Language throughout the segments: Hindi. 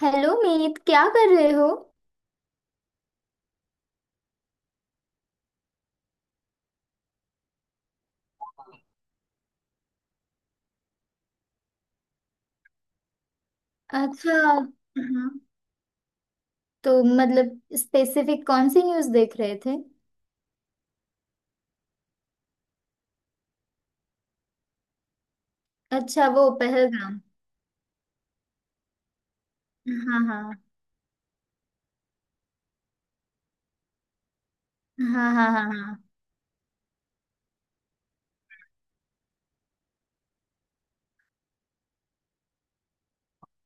हेलो मीत, क्या कर रहे हो? अच्छा। हाँ। तो मतलब स्पेसिफिक कौन सी न्यूज़ देख रहे थे? अच्छा, वो पहलगाम। हाँ, हाँ। हाँ, हाँ, हाँ, हाँ।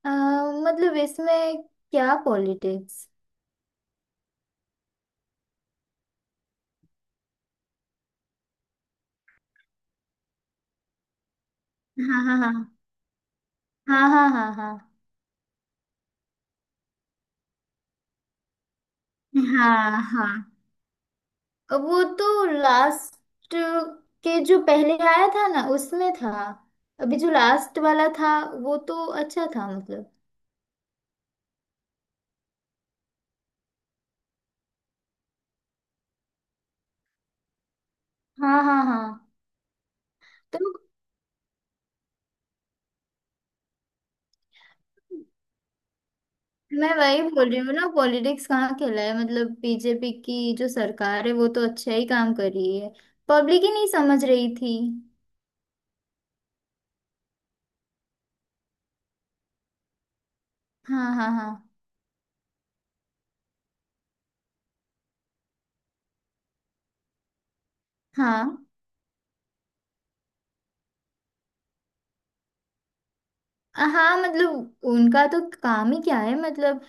अ, मतलब इसमें क्या पॉलिटिक्स? हाँ, हाँ, हाँ। हाँ, हाँ, हाँ, हाँ। हाँ, हाँ। वो तो लास्ट के जो पहले आया था ना उसमें था। अभी जो लास्ट वाला था, वो तो अच्छा था मतलब। हाँ, हाँ, हाँ। तो मैं वही बोल रही हूँ ना, पॉलिटिक्स कहाँ खेला है? मतलब बीजेपी की जो सरकार है वो तो अच्छा ही काम कर रही है। पब्लिक ही नहीं समझ रही थी। हाँ, हाँ। हाँ, हाँ। हाँ। मतलब उनका तो काम ही क्या है? मतलब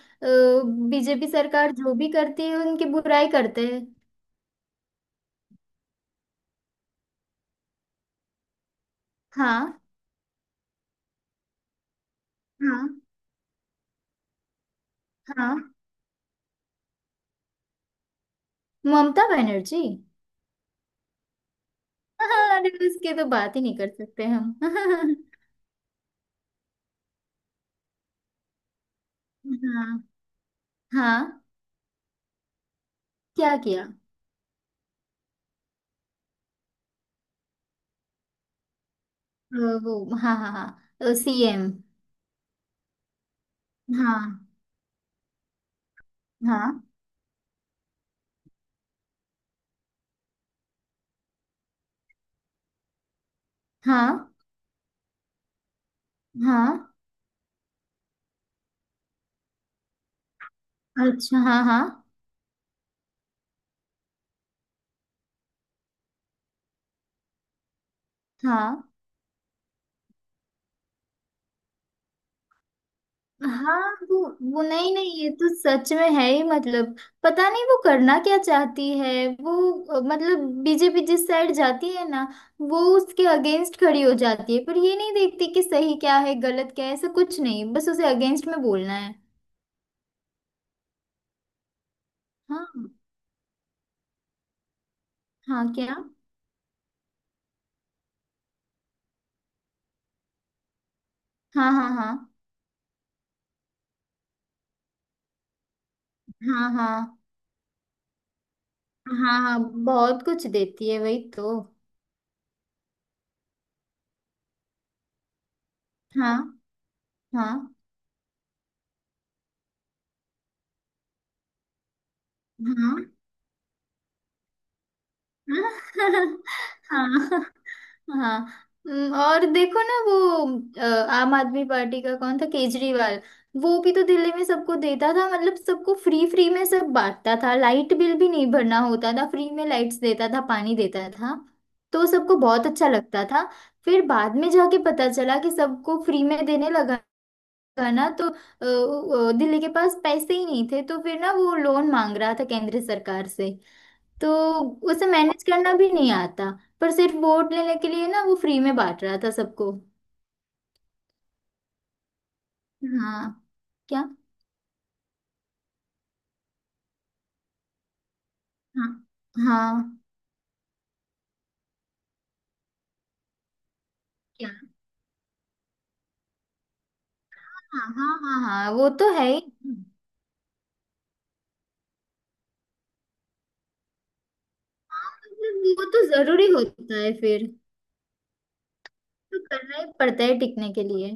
बीजेपी सरकार जो भी करती है उनकी बुराई करते हैं। हाँ। हाँ। हाँ। ममता बनर्जी। हाँ, अरे उसके तो बात ही नहीं कर सकते हम। हाँ। हाँ। क्या किया? वो। हाँ, हाँ, हाँ, सीएम। हाँ, हाँ, हाँ, हाँ। अच्छा, हाँ, हाँ, हाँ, हाँ। वो वो नहीं, नहीं, ये तो सच में है ही मतलब। पता नहीं वो करना क्या चाहती है। वो मतलब बीजेपी जिस साइड जाती है ना, वो उसके अगेंस्ट खड़ी हो जाती है, पर ये नहीं देखती कि सही क्या है गलत क्या है। ऐसा कुछ नहीं, बस उसे अगेंस्ट में बोलना है। हाँ, हाँ। क्या? हाँ, हाँ, हाँ। हाँ, हाँ, हाँ, हाँ। बहुत कुछ देती है, वही तो। हाँ, हाँ, हाँ। हाँ। हाँ। और देखो ना, वो आम आदमी पार्टी का कौन था, केजरीवाल। वो भी तो दिल्ली में सबको देता था, मतलब सबको फ्री फ्री में सब बांटता था, लाइट बिल भी नहीं भरना होता था, फ्री में लाइट्स देता था, पानी देता था। तो सबको बहुत अच्छा लगता था। फिर बाद में जाके पता चला कि सबको फ्री में देने लगा ना, तो दिल्ली के पास पैसे ही नहीं थे, तो फिर ना वो लोन मांग रहा था केंद्र सरकार से। तो उसे मैनेज करना भी नहीं आता, पर सिर्फ वोट लेने के लिए ना वो फ्री में बांट रहा था सबको। हाँ। क्या? हाँ, हाँ। क्या? हाँ, हाँ, हाँ, हाँ, वो तो है ही। हाँ, मतलब वो तो जरूरी होता है फिर। तो करना ही पड़ता है टिकने के लिए।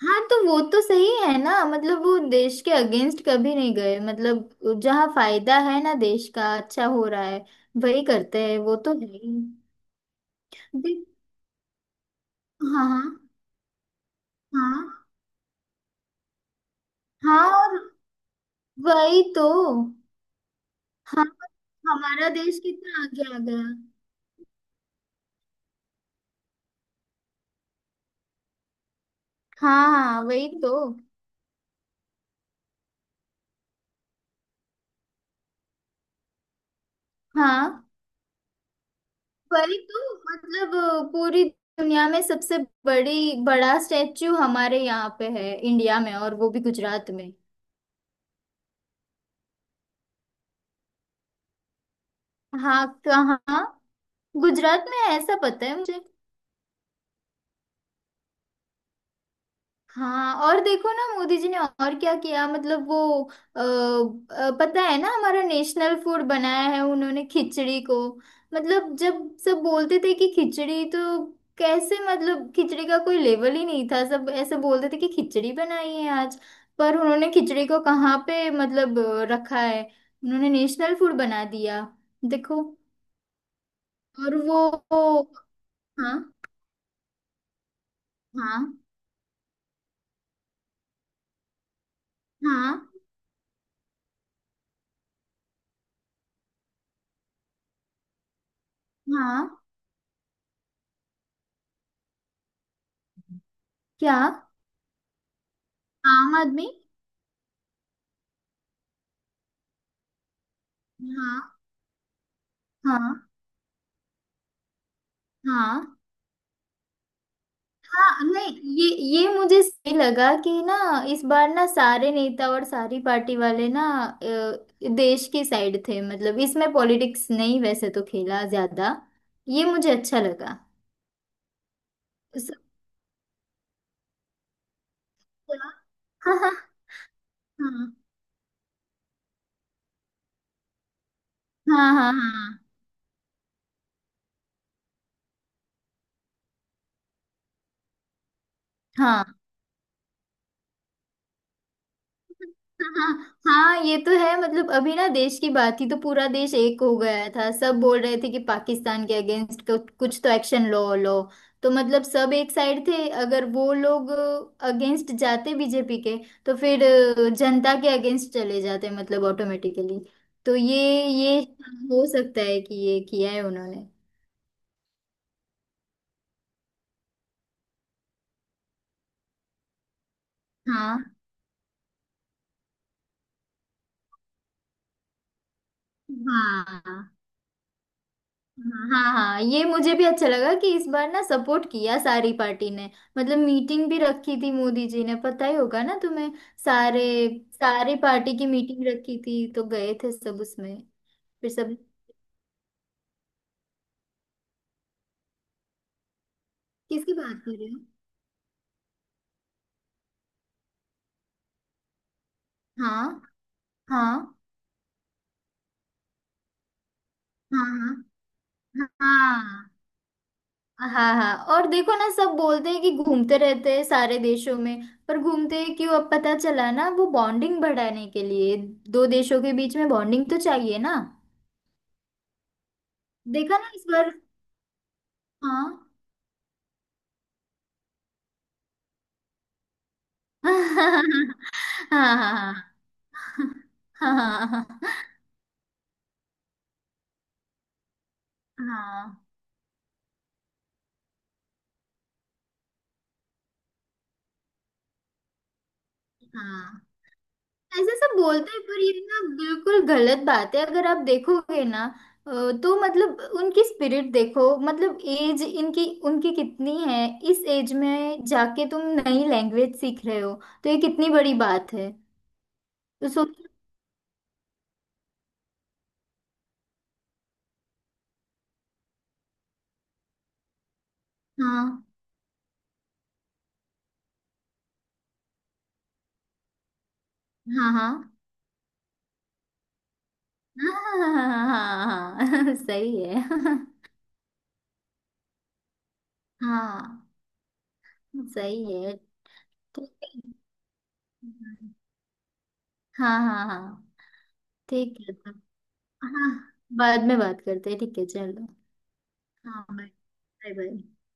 हाँ, तो वो तो सही है ना, मतलब वो देश के अगेंस्ट कभी नहीं गए। मतलब जहाँ फायदा है ना, देश का अच्छा हो रहा है, वही करते हैं। वो तो है ही। देख- हाँ, हाँ। हाँ। हाँ, और वही तो। हाँ। हमारा देश कितना आगे आ गया। हाँ, हाँ, वही तो। हाँ। वही तो। मतलब पूरी दुनिया में सबसे बड़ी बड़ा स्टेच्यू हमारे यहाँ पे है, इंडिया में, और वो भी गुजरात में। हाँ। कहाँ? गुजरात में है ऐसा पता है मुझे। हाँ, और देखो ना मोदी जी ने और क्या किया, मतलब वो पता है ना, हमारा नेशनल फूड बनाया है उन्होंने खिचड़ी को। मतलब जब सब बोलते थे कि खिचड़ी तो कैसे, मतलब खिचड़ी का कोई लेवल ही नहीं था, सब ऐसे बोलते थे कि खिचड़ी बनाई है आज। पर उन्होंने खिचड़ी को कहाँ पे मतलब रखा है, उन्होंने नेशनल फूड बना दिया। देखो। और हाँ। हाँ, हाँ, हाँ। क्या? आम आदमी। हाँ। हाँ, हाँ, हाँ। नहीं, ये मुझे सही लगा कि ना, इस बार ना सारे नेता और सारी पार्टी वाले ना अ, देश की साइड थे। मतलब इसमें पॉलिटिक्स नहीं वैसे तो खेला ज्यादा, ये मुझे अच्छा लगा। सब- हाँ, हाँ। हाँ, हाँ। हाँ। हाँ, हाँ, हाँ, हाँ। ये तो है, मतलब अभी ना देश की बात थी तो पूरा देश एक हो गया था, सब बोल रहे थे कि पाकिस्तान के अगेंस्ट कुछ तो एक्शन लो, लो। तो मतलब सब एक साइड थे। अगर वो लोग अगेंस्ट जाते बीजेपी के, तो फिर जनता के अगेंस्ट चले जाते, मतलब ऑटोमेटिकली। तो ये हो सकता है कि ये किया है उन्होंने। हाँ हाँ। हाँ। हाँ। हाँ, ये मुझे भी अच्छा लगा कि इस बार ना सपोर्ट किया सारी पार्टी ने। मतलब मीटिंग भी रखी थी मोदी जी ने, पता ही होगा ना तुम्हें। सारे सारी पार्टी की मीटिंग रखी थी, तो गए थे सब उसमें। फिर सब किसकी बात कर रहे हो? हाँ, हाँ, हाँ, हाँ। हाँ, हाँ, हाँ, हाँ, और देखो ना, सब बोलते हैं कि घूमते रहते हैं सारे देशों में, पर घूमते हैं क्यों? अब पता चला ना, वो बॉन्डिंग बढ़ाने के लिए। दो देशों के बीच में बॉन्डिंग तो चाहिए ना। देखा ना इस बार। हाँ। हाँ, हाँ, हाँ, हाँ, हाँ। ऐसे सब बोलते हैं, पर ये ना बिल्कुल गलत बात है। अगर आप देखोगे ना, अ, तो मतलब उनकी स्पिरिट देखो, मतलब एज इनकी उनकी कितनी है। इस एज में जाके तुम नई लैंग्वेज सीख रहे हो, तो ये कितनी बड़ी बात है। तो सोचो। हाँ, हाँ, हाँ। हाँ, हाँ, हाँ। हाँ, सही है। हाँ। सही है। ठीक है। हाँ, हाँ, हाँ। ठीक है तब। हाँ, बाद में बात करते हैं, ठीक है, चलो। हाँ, बाय। Bye, bye.